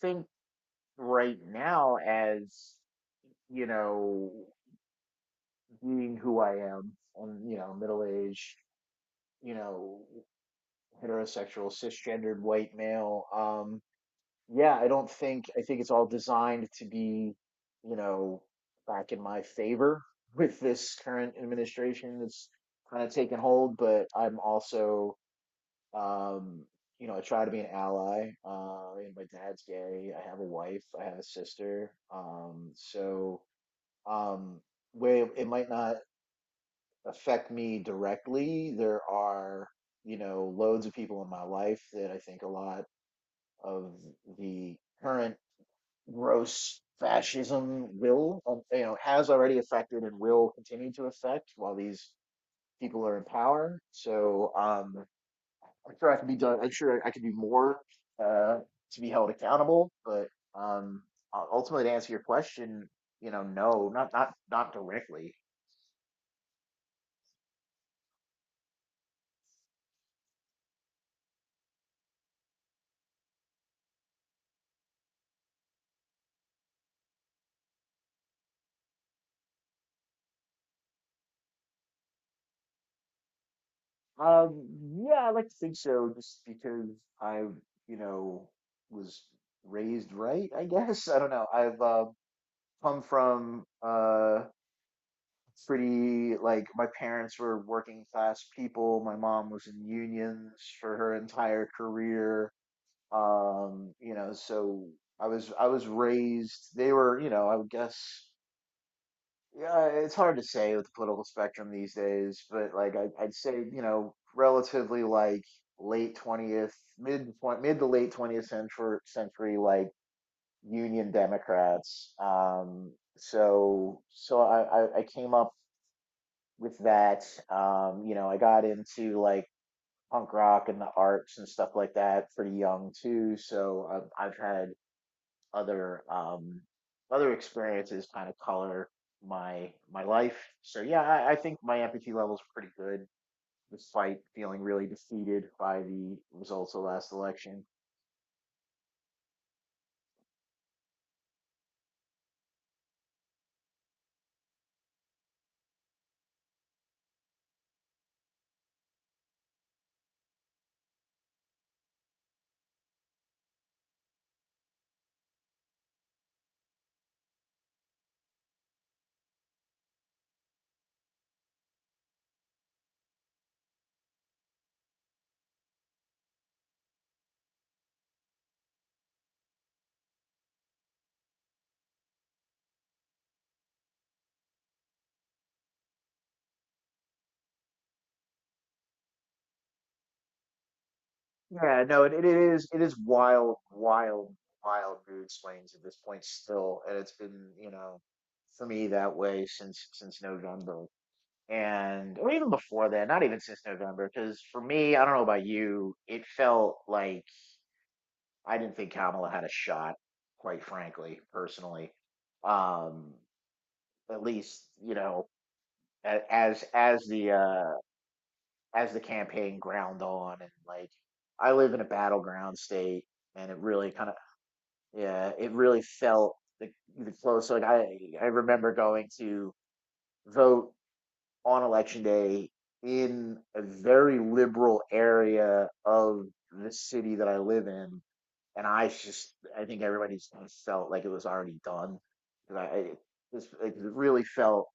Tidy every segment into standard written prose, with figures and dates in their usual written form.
Think right now, as, you know being who I am, I'm, middle aged, you know heterosexual cisgendered white male. Yeah, I don't think I think it's all designed to be, you know back in my favor with this current administration that's kind of taken hold, but I'm also Um, I try to be an ally. And my dad's gay. I have a wife. I have a sister. So um, where it might not affect me directly, there are, loads of people in my life that I think a lot of the current gross fascism will, has already affected and will continue to affect while these people are in power. So I'm sure I can be done. I'm sure I could do more uh, to be held accountable. But um, ultimately, to answer your question, no, not directly. Um, yeah, I like to think so, just because I, you know, was raised right. I guess I don't know. I've come from pretty, like, my parents were working class people. My mom was in unions for her entire career. So I was raised. They were, I would guess. Yeah, it's hard to say with the political spectrum these days, but like I'd say, relatively, like, late 20th, mid to late 20th century, like Union Democrats. So I came up with that. I got into, like, punk rock and the arts and stuff like that pretty young too. So I've had other other experiences kind of color my life. So yeah, I think my empathy level is pretty good, despite feeling really defeated by the results of last election. Yeah, no, it is wild, wild, wild mood swings at this point still, and it's been, for me, that way since November, and or even before that, not even since November, because for me, I don't know about you, it felt like I didn't think Kamala had a shot, quite frankly, personally. Um, at least, a- as as the uh, as the campaign ground on, and, like, I live in a battleground state, and it really kind of, yeah, it really felt the close. Like, I remember going to vote on election day in a very liberal area of the city that I live in, and I think everybody just felt like it was already done. 'Cause I this It really felt,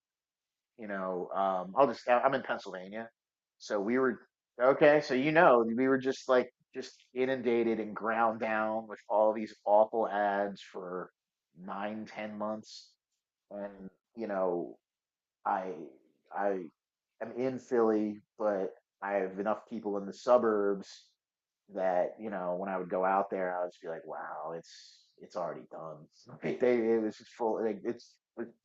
I'm in Pennsylvania, so we were okay. So we were just like just inundated and ground down with all these awful ads for 9 or 10 months, and you know I I am in Philly, but I have enough people in the suburbs that when I would go out there, I would just be like, "Wow, it's already done." Like, they it was just full, like, it's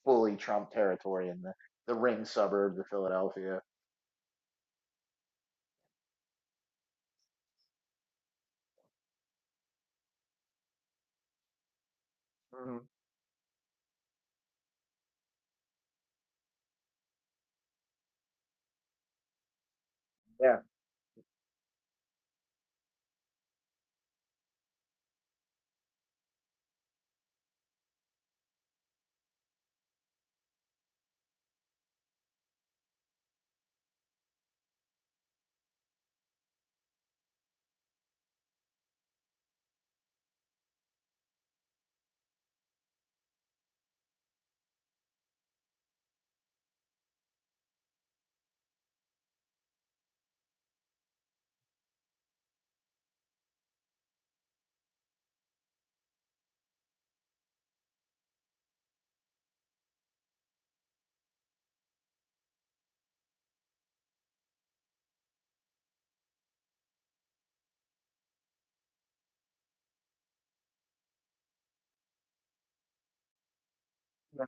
fully Trump territory in the ring suburbs of Philadelphia. Mhm. Yeah, yeah,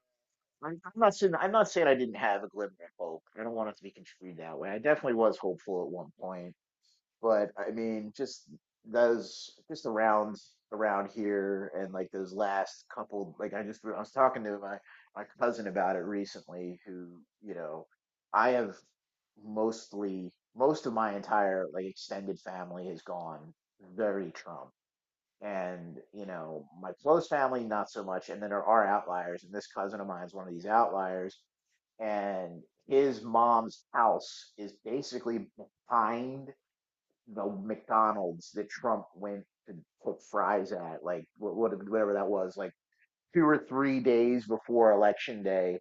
I'm not saying I didn't have a glimmer of hope. I don't want it to be construed that way. I definitely was hopeful at one point. But I mean, just those, just around here, and like those last couple, like I was talking to my cousin about it recently, who, you know, I have mostly most of my entire, like, extended family has gone very Trump. And you know, my close family, not so much. And then there are outliers, and this cousin of mine is one of these outliers, and his mom's house is basically behind the McDonald's that Trump went to put fries at, like, what, whatever that was, like, 2 or 3 days before election day.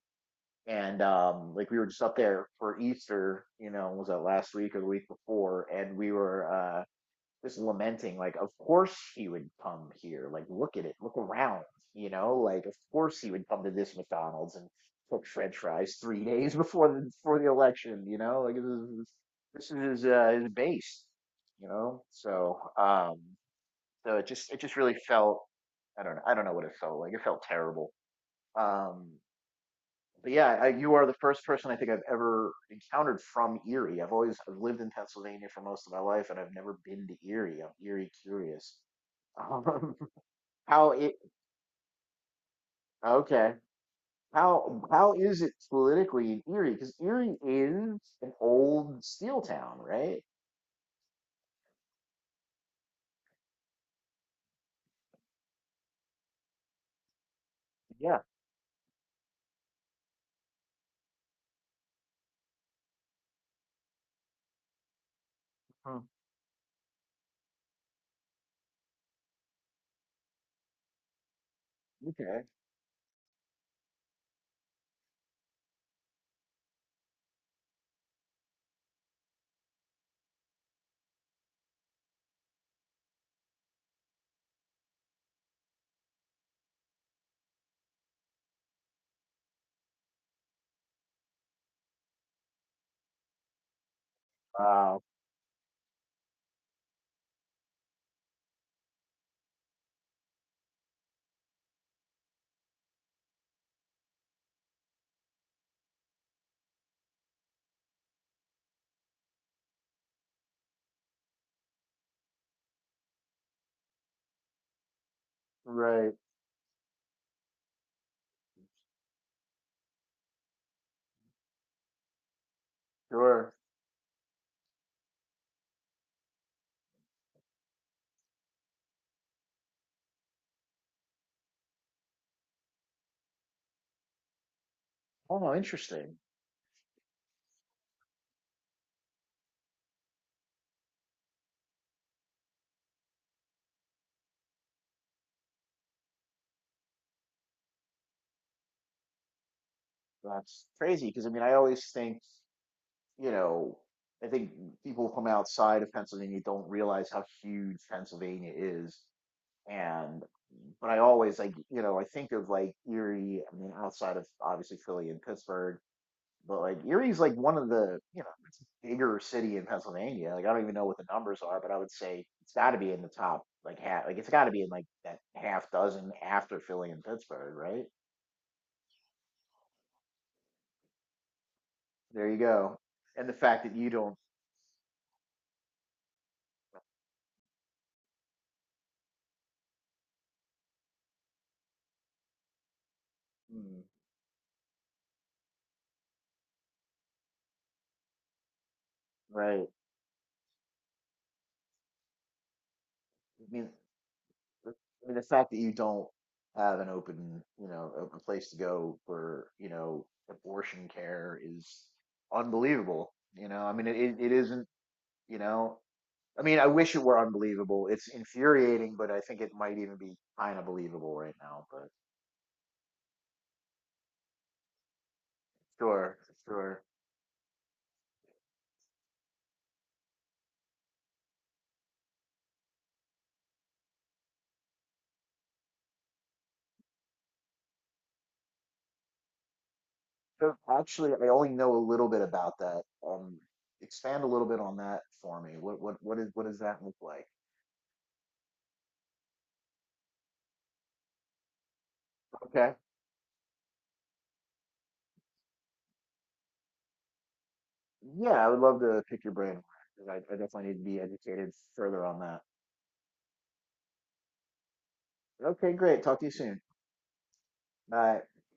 And like, we were just up there for Easter. You know, was that last week or the week before? And we were just lamenting, like, of course he would come here. Like, look at it, look around, you know, like, of course he would come to this McDonald's and cook French fries 3 days before the election. You know, like, this is his base, So, so it just really felt, I don't know what it felt like. It felt terrible. Um, but yeah, you are the first person I think I've ever encountered from Erie. I've lived in Pennsylvania for most of my life, and I've never been to Erie. I'm Erie curious. Um, how it okay? How is it politically in Erie? Because Erie is an old steel town, right? Yeah. Hmm. Okay. Wow. Right. Sure. Oh, interesting. That's crazy. Because I mean, I always think you know, I think people from outside of Pennsylvania don't realize how huge Pennsylvania is. And but I always like, you know, I think of, like, Erie, I mean, outside of obviously Philly and Pittsburgh, but like Erie's like one of the, it's a bigger city in Pennsylvania. Like, I don't even know what the numbers are, but I would say it's got to be in the top, like, half, like it's got to be in like that half dozen after Philly and Pittsburgh, right? There you go. And the fact that you don't, mm, right? I mean, I the fact that you don't have an open, open place to go for, you know, abortion care is unbelievable. I mean, it isn't, you know, I mean, I wish it were unbelievable. It's infuriating, but I think it might even be kind of believable right now. But sure, sure. So actually, I only know a little bit about that. Um, Expand a little bit on that for me. What does that look like? Okay. Yeah, I would love to pick your brain more, 'cause I definitely need to be educated further on that. Okay, great. Talk to you soon. Bye.